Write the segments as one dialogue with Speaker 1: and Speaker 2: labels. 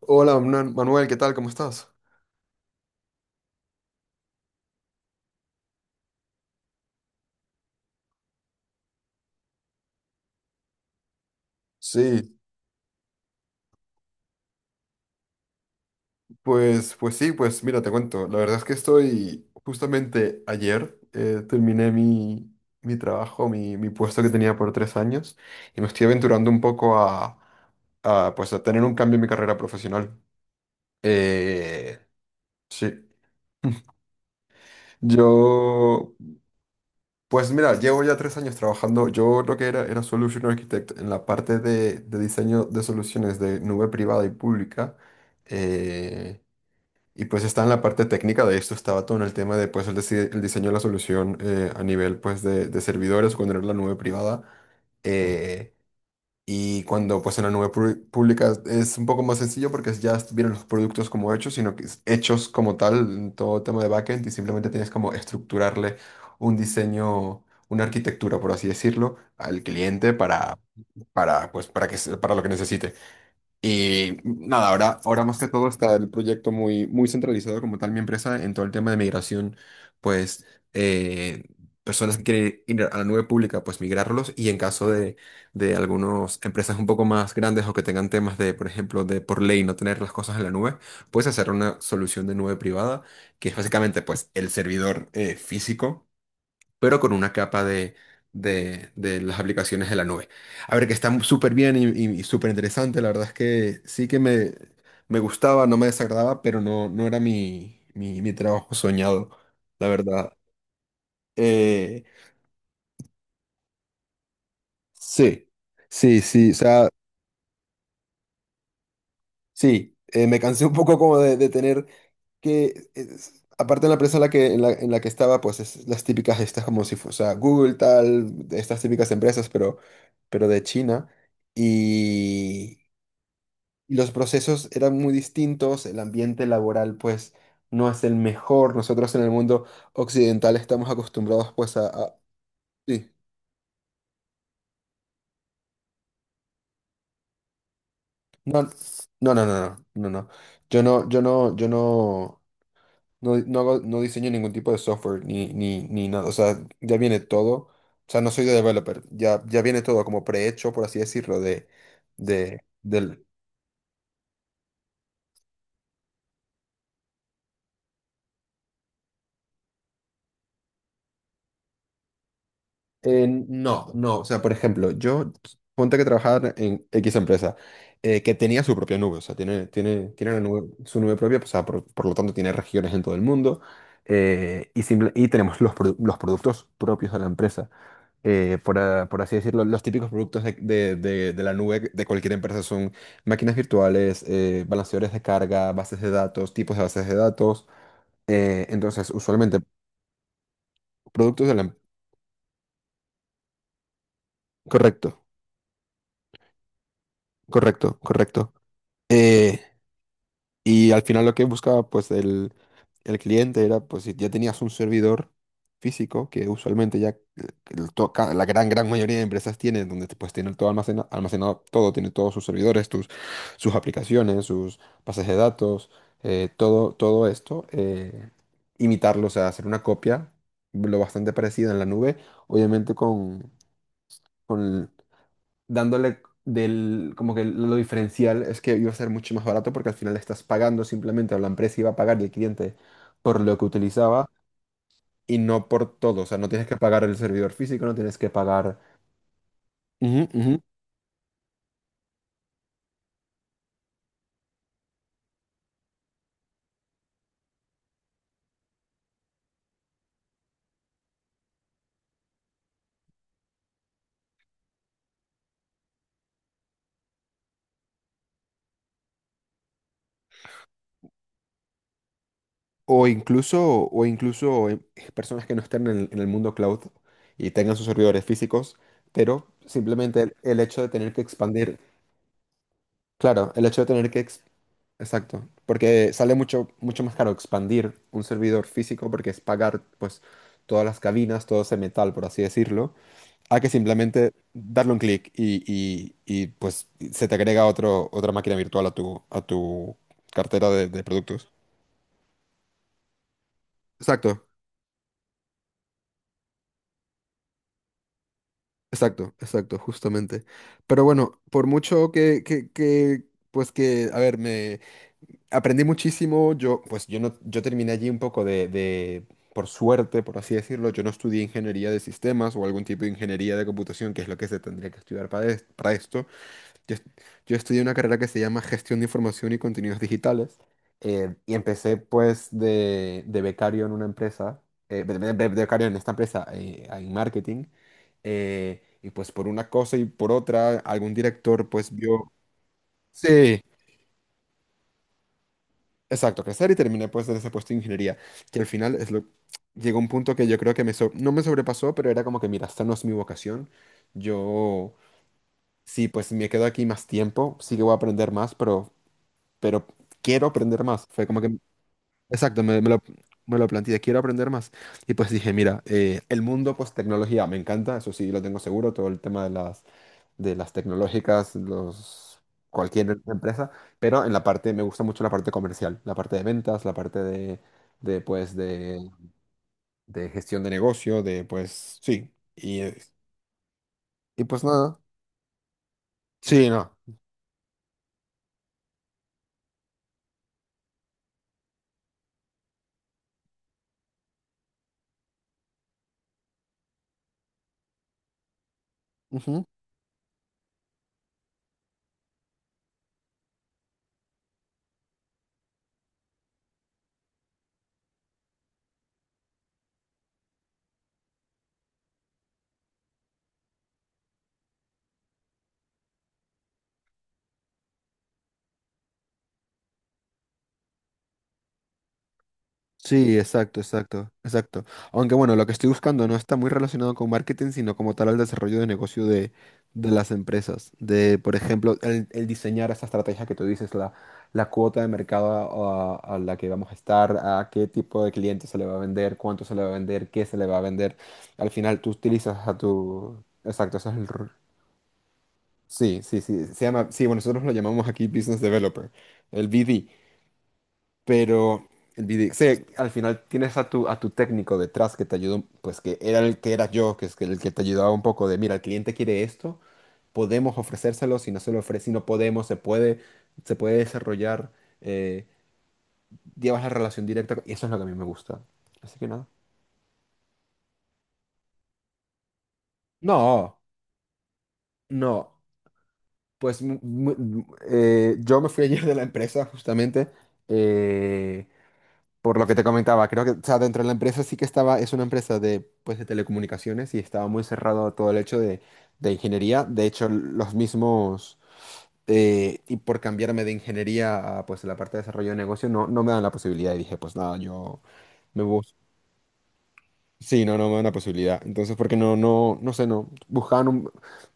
Speaker 1: Hola, Manuel, ¿qué tal? ¿Cómo estás? Sí, pues sí, pues mira, te cuento. La verdad es que estoy justamente ayer terminé mi trabajo, mi puesto que tenía por tres años y me estoy aventurando un poco pues, a tener un cambio en mi carrera profesional. Eh, sí. Yo, pues mira, llevo ya tres años trabajando. Yo lo que era Solution Architect en la parte de diseño de soluciones de nube privada y pública. Eh, Y pues está en la parte técnica de esto, estaba todo en el tema de pues el diseño de la solución a nivel pues de servidores cuando era la nube privada. eh, y cuando pues en la nube pública es un poco más sencillo porque ya vienen los productos como hechos, sino que es hechos como tal en todo tema de backend y simplemente tienes como estructurarle un diseño, una arquitectura, por así decirlo, al cliente pues, para lo que necesite. Y nada, ahora más que todo está el proyecto muy centralizado como tal mi empresa en todo el tema de migración, pues eh, personas que quieren ir a la nube pública, pues migrarlos y en caso de algunas empresas un poco más grandes o que tengan temas de, por ejemplo, de por ley no tener las cosas en la nube, puedes hacer una solución de nube privada, que es básicamente pues el servidor físico pero con una capa de las aplicaciones de la nube. A ver, que está súper bien y súper interesante. La verdad es que sí que me gustaba, no me desagradaba, pero no, no era mi trabajo soñado, la verdad. Eh, sí, sí, sí. O sea, sí, me cansé un poco como de tener aparte en la empresa en la que estaba, pues es las típicas, estas como si fuese, o sea, Google, tal, de estas típicas empresas, pero de China. Y los procesos eran muy distintos, el ambiente laboral, pues, no es el mejor. Nosotros en el mundo occidental estamos acostumbrados, pues, sí. No, no. Yo no. No, no diseño ningún tipo de software ni nada. O sea, ya viene todo. O sea, no soy de developer. Ya viene todo como prehecho, por así decirlo, del... No, no. O sea, por ejemplo, yo ponte que trabajar en X empresa que tenía su propia nube. O sea, tiene una su nube propia. Pues, o sea, por lo tanto, tiene regiones en todo el mundo. Y tenemos los productos propios de la empresa. Por así decirlo, los típicos productos de la nube de cualquier empresa son máquinas virtuales, balanceadores de carga, bases de datos, tipos de bases de datos. Entonces, usualmente, productos de la... Correcto, correcto, correcto. Eh, Y al final lo que buscaba pues el cliente era pues si ya tenías un servidor físico, que usualmente ya la gran mayoría de empresas tienen, donde te puedes tener todo almacenado, todo, tiene todos sus servidores, tus, sus aplicaciones, sus bases de datos, todo, todo esto, imitarlo, o sea, hacer una copia lo bastante parecida en la nube, obviamente con, dándole del, como que lo diferencial es que iba a ser mucho más barato porque al final estás pagando simplemente, o la empresa iba a pagar el cliente por lo que utilizaba y no por todo. O sea, no tienes que pagar el servidor físico, no tienes que pagar... Ujú, ujú. O incluso personas que no estén en en el mundo cloud y tengan sus servidores físicos, pero simplemente el hecho de tener que expandir, claro, el hecho de tener que... Exacto, porque sale mucho más caro expandir un servidor físico porque es pagar pues todas las cabinas, todo ese metal, por así decirlo, a que simplemente darle un clic pues se te agrega otra máquina virtual a tu cartera de productos. Exacto, exacto, exacto, justamente. Pero bueno, por mucho que pues que, a ver, me... Aprendí muchísimo, yo, pues yo no, yo terminé allí un poco de, por suerte, por así decirlo, yo no estudié ingeniería de sistemas o algún tipo de ingeniería de computación, que es lo que se tendría que estudiar para esto. Yo, est- yo estudié una carrera que se llama Gestión de Información y Contenidos Digitales y empecé pues de becario en una empresa, de becario en esta empresa en marketing y pues por una cosa y por otra algún director pues vio... Sí. Exacto, crecer y terminé pues en ese puesto de ingeniería, que al final es lo... Llegó un punto que yo creo que no me sobrepasó, pero era como que, mira, esta no es mi vocación, yo sí, pues me quedo aquí más tiempo, sí que voy a aprender más, pero quiero aprender más. Fue como que, exacto, me lo planteé, quiero aprender más. Y pues dije, mira, el mundo pues tecnología me encanta, eso sí, lo tengo seguro, todo el tema de las tecnológicas, los, cualquier empresa, pero en la parte, me gusta mucho la parte comercial, la parte de ventas, la parte de pues, de gestión de negocio, de, pues, sí, y pues nada, sí, no. Ujú. Sí, exacto, exacto, exacto. Aunque bueno, lo que estoy buscando no está muy relacionado con marketing, sino como tal al desarrollo de negocio de las empresas. De, por ejemplo, el diseñar esa estrategia que tú dices, la cuota de mercado a la que vamos a estar, a qué tipo de cliente se le va a vender, cuánto se le va a vender, qué se le va a vender. Al final tú utilizas a tu... Exacto, ese es el... r- sí, sí, sí. Se llama... Sí, bueno, nosotros lo llamamos aquí Business Developer, el BD. Pero el video, sí, al final tienes a tu técnico detrás que te ayudó, pues que era el que era yo, que es que el que te ayudaba un poco de, mira, el cliente quiere esto, podemos ofrecérselo, si no se lo ofrece, si no podemos, se puede desarrollar, eh, llevas la relación directa, con- y eso es lo que a mí me gusta. Así que nada. No, no. Yo me fui ayer de la empresa justamente. Por lo que te comentaba, creo que, o sea, dentro de la empresa sí que estaba, es una empresa de, pues, de telecomunicaciones y estaba muy cerrado a todo el hecho de ingeniería. De hecho, los mismos, y por cambiarme de ingeniería a, pues, la parte de desarrollo de negocio, no, no me dan la posibilidad. Y dije, pues nada, yo me voy. Sí, no, no me da una posibilidad. Entonces, porque no, no, no sé, no.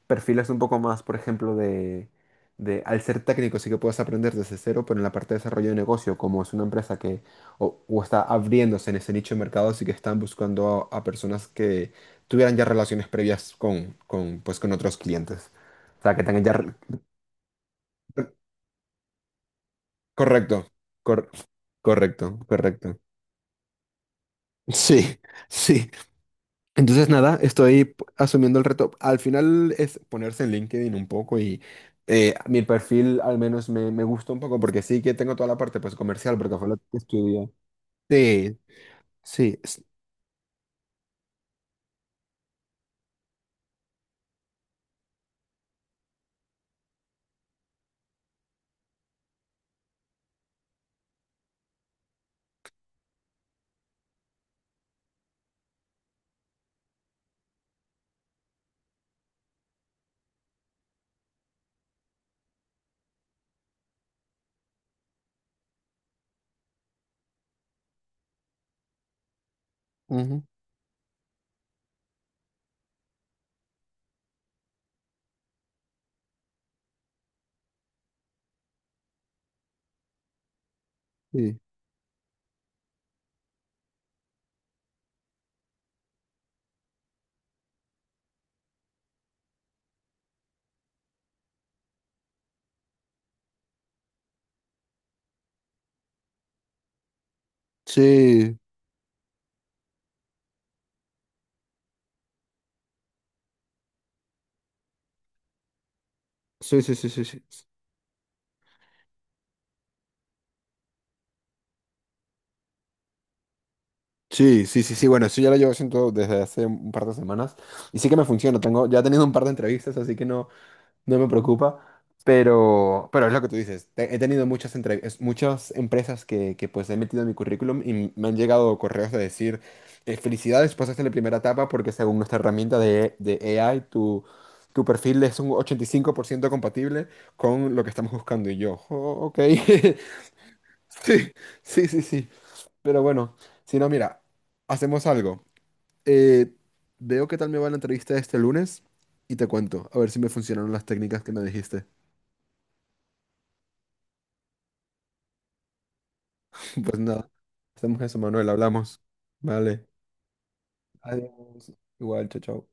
Speaker 1: Perfiles un poco más, por ejemplo, de, al ser técnico sí que puedes aprender desde cero, pero en la parte de desarrollo de negocio, como es una empresa que o está abriéndose en ese nicho de mercado, sí que están buscando a personas que tuvieran ya relaciones previas con, pues, con otros clientes. O sea, que tengan ya... re- Correcto, cor- correcto, correcto. Sí, sí. Entonces, nada, estoy asumiendo el reto. Al final es ponerse en LinkedIn un poco y mi perfil al menos me gusta un poco porque sí que tengo toda la parte pues comercial porque fue lo que estudié. Sí, sí, es- ujú, sí, sí, sí, sí, sí, sí, sí. Sí, sí, sí, sí, bueno, eso ya lo llevo haciendo desde hace un par de semanas y sí que me funciona. Tengo, ya he tenido un par de entrevistas, así que no. No me preocupa, pero es lo que tú dices. Te- He tenido muchas, entrevistas, muchas empresas que pues he metido en mi currículum y me han llegado correos de decir, felicidades, pasaste la primera etapa porque según nuestra herramienta de AI, tu perfil es un 85% compatible con lo que estamos buscando. Y yo, "Oh, ok, sí, sí, sí, sí. Pero bueno, si no, mira, hacemos algo. Eh, veo qué tal me va la entrevista este lunes y te cuento, a ver si me funcionaron las técnicas que me dijiste. Pues nada, hacemos eso, Manuel, hablamos. Vale. Adiós. Igual, chao, chao.